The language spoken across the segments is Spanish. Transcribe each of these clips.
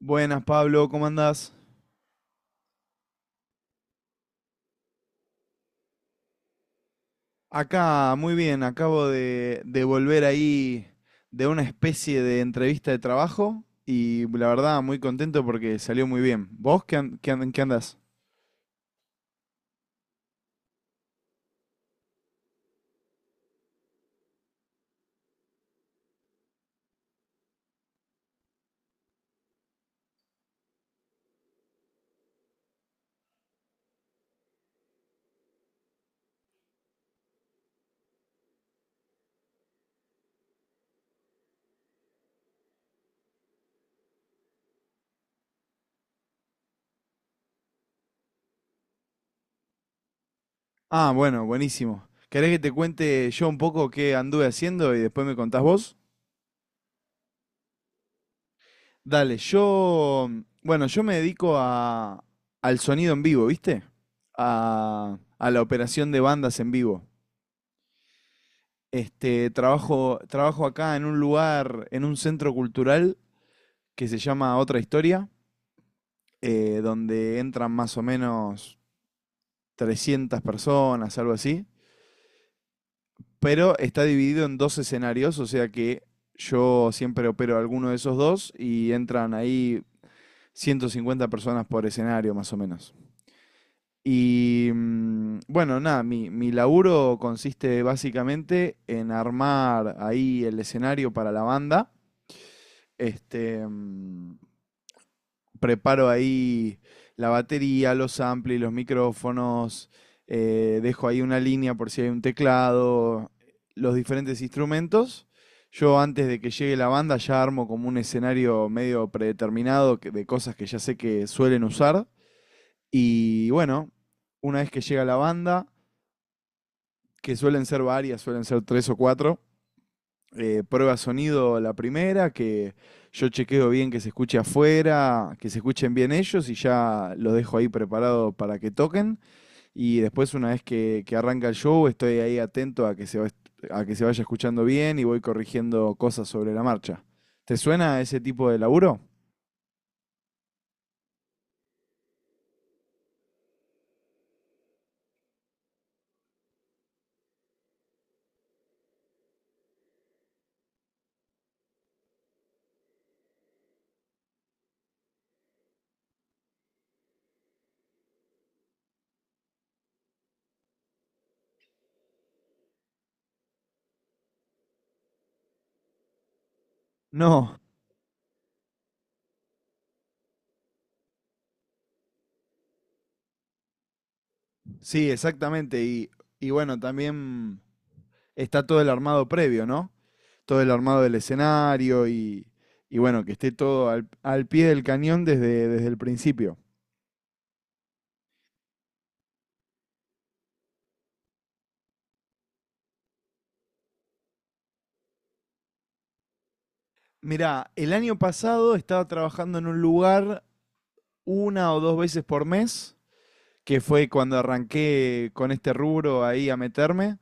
Buenas, Pablo, ¿cómo andás? Acá, muy bien, acabo de volver ahí de una especie de entrevista de trabajo y la verdad muy contento porque salió muy bien. ¿Vos en qué andás? Ah, bueno, buenísimo. ¿Querés que te cuente yo un poco qué anduve haciendo y después me contás vos? Dale, bueno, yo me dedico al sonido en vivo, ¿viste? A la operación de bandas en vivo. Trabajo acá en un lugar, en un centro cultural que se llama Otra Historia, donde entran más o menos 300 personas, algo así, pero está dividido en dos escenarios, o sea que yo siempre opero alguno de esos dos y entran ahí 150 personas por escenario, más o menos. Y, bueno, nada, mi laburo consiste básicamente en armar ahí el escenario para la banda. Este, mm, Preparo ahí la batería, los amplis, los micrófonos, dejo ahí una línea por si hay un teclado, los diferentes instrumentos. Yo antes de que llegue la banda ya armo como un escenario medio predeterminado de cosas que ya sé que suelen usar. Y bueno, una vez que llega la banda, que suelen ser varias, suelen ser tres o cuatro, prueba sonido la primera, que yo chequeo bien que se escuche afuera, que se escuchen bien ellos y ya lo dejo ahí preparado para que toquen. Y después, una vez que arranca el show, estoy ahí atento a que se vaya escuchando bien y voy corrigiendo cosas sobre la marcha. ¿Te suena ese tipo de laburo? No, sí, exactamente. Y bueno, también está todo el armado previo, ¿no? Todo el armado del escenario y bueno, que esté todo al pie del cañón desde el principio. Mirá, el año pasado estaba trabajando en un lugar una o dos veces por mes, que fue cuando arranqué con este rubro ahí a meterme.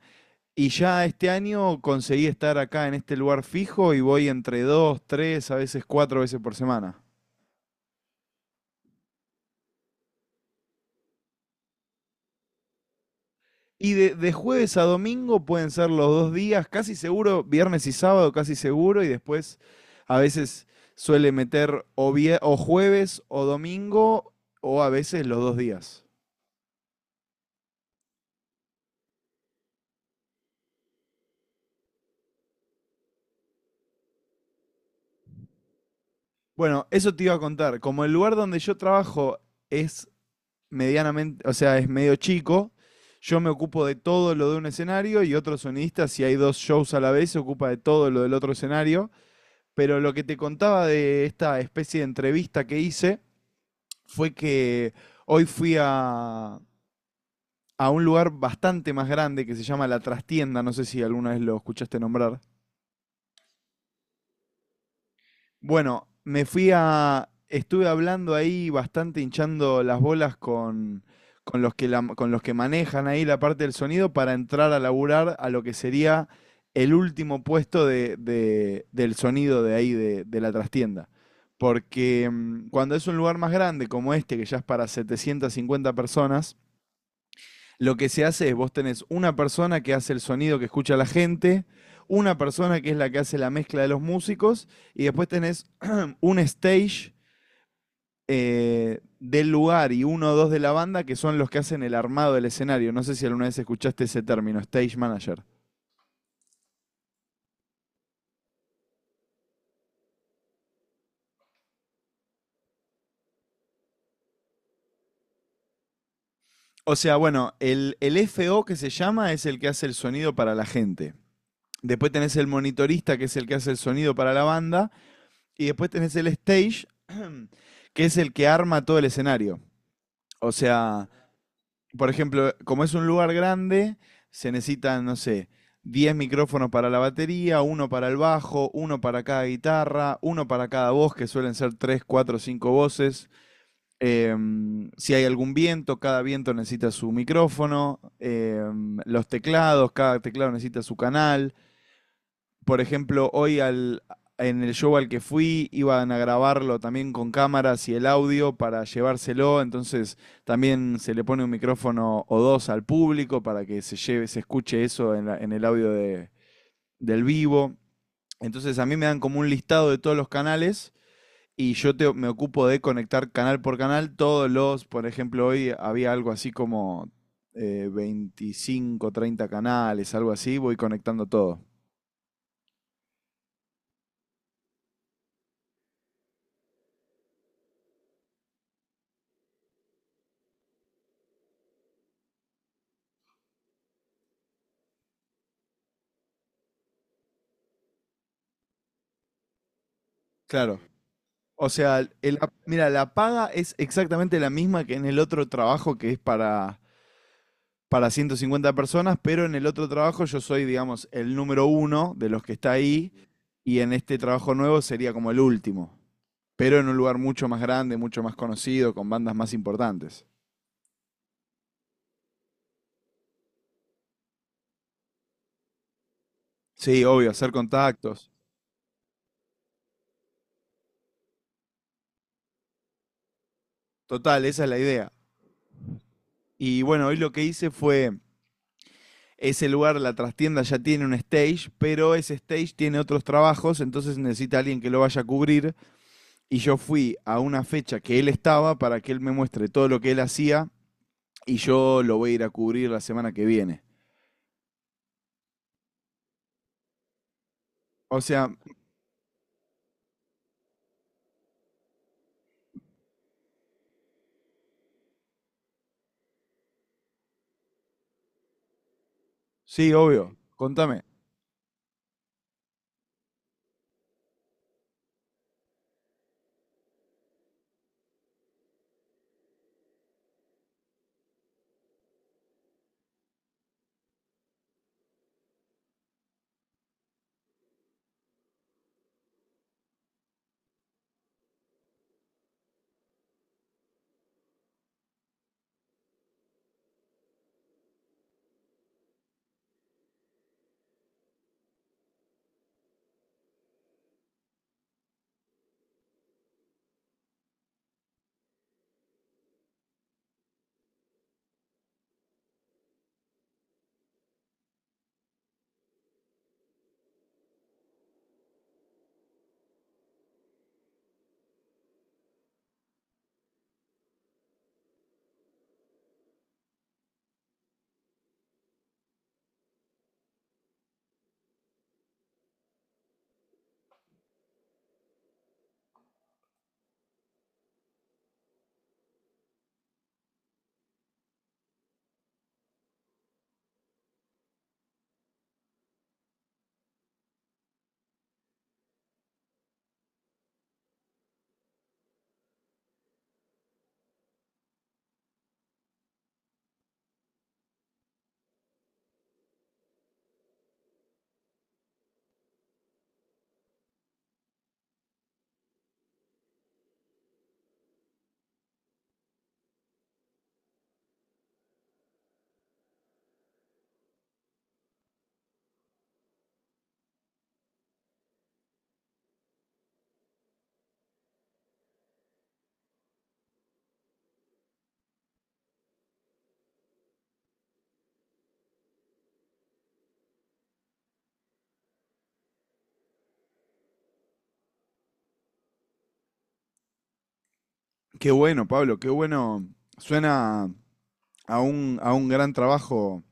Y ya este año conseguí estar acá en este lugar fijo y voy entre dos, tres, a veces cuatro veces por semana. Y de jueves a domingo pueden ser los dos días, casi seguro, viernes y sábado, casi seguro, y después a veces suele meter o, o jueves o domingo, o a veces los dos días. Bueno, eso te iba a contar. Como el lugar donde yo trabajo es medianamente, o sea, es medio chico, yo me ocupo de todo lo de un escenario y otro sonidista, si hay dos shows a la vez, se ocupa de todo lo del otro escenario. Pero lo que te contaba de esta especie de entrevista que hice fue que hoy fui a un lugar bastante más grande que se llama La Trastienda, no sé si alguna vez lo escuchaste nombrar. Bueno, me fui a... Estuve hablando ahí bastante hinchando las bolas con con los que manejan ahí la parte del sonido para entrar a laburar a lo que sería el último puesto del sonido de ahí, de la trastienda. Porque cuando es un lugar más grande como este, que ya es para 750 personas, lo que se hace es vos tenés una persona que hace el sonido que escucha la gente, una persona que es la que hace la mezcla de los músicos y después tenés un stage del lugar y uno o dos de la banda que son los que hacen el armado del escenario. No sé si alguna vez escuchaste ese término, stage manager. O sea, bueno, el FO que se llama es el que hace el sonido para la gente. Después tenés el monitorista, que es el que hace el sonido para la banda. Y después tenés el stage, que es el que arma todo el escenario. O sea, por ejemplo, como es un lugar grande, se necesitan, no sé, 10 micrófonos para la batería, uno para el bajo, uno para cada guitarra, uno para cada voz, que suelen ser 3, 4, 5 voces. Si hay algún viento, cada viento necesita su micrófono. Los teclados, cada teclado necesita su canal. Por ejemplo, en el show al que fui iban a grabarlo también con cámaras y el audio para llevárselo, entonces también se le pone un micrófono o dos al público para que se lleve, se escuche eso en, en el audio del vivo. Entonces a mí me dan como un listado de todos los canales y yo me ocupo de conectar canal por canal todos los, por ejemplo, hoy había algo así como 25, 30 canales, algo así, voy conectando todo. Claro. O sea, mira, la paga es exactamente la misma que en el otro trabajo que es para, 150 personas, pero en el otro trabajo yo soy, digamos, el número uno de los que está ahí y en este trabajo nuevo sería como el último, pero en un lugar mucho más grande, mucho más conocido, con bandas más importantes. Sí, obvio, hacer contactos. Total, esa es la idea. Y bueno, hoy lo que hice fue... Ese lugar, la trastienda ya tiene un stage, pero ese stage tiene otros trabajos, entonces necesita alguien que lo vaya a cubrir. Y yo fui a una fecha que él estaba para que él me muestre todo lo que él hacía y yo lo voy a ir a cubrir la semana que viene. O sea, sí, obvio. Contame. Qué bueno, Pablo, qué bueno. Suena a un gran trabajo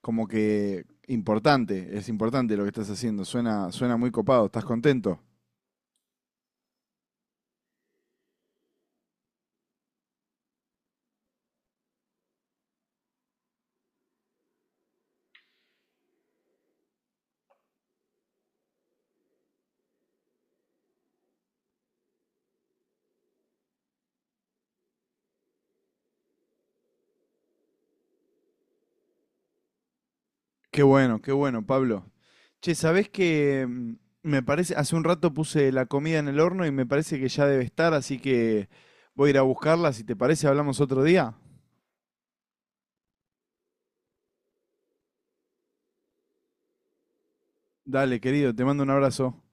como que importante, es importante lo que estás haciendo. Suena, suena muy copado, ¿estás contento? Qué bueno, Pablo. Che, ¿sabés que me parece, hace un rato puse la comida en el horno y me parece que ya debe estar, así que voy a ir a buscarla. Si te parece, hablamos otro día. Dale, querido, te mando un abrazo.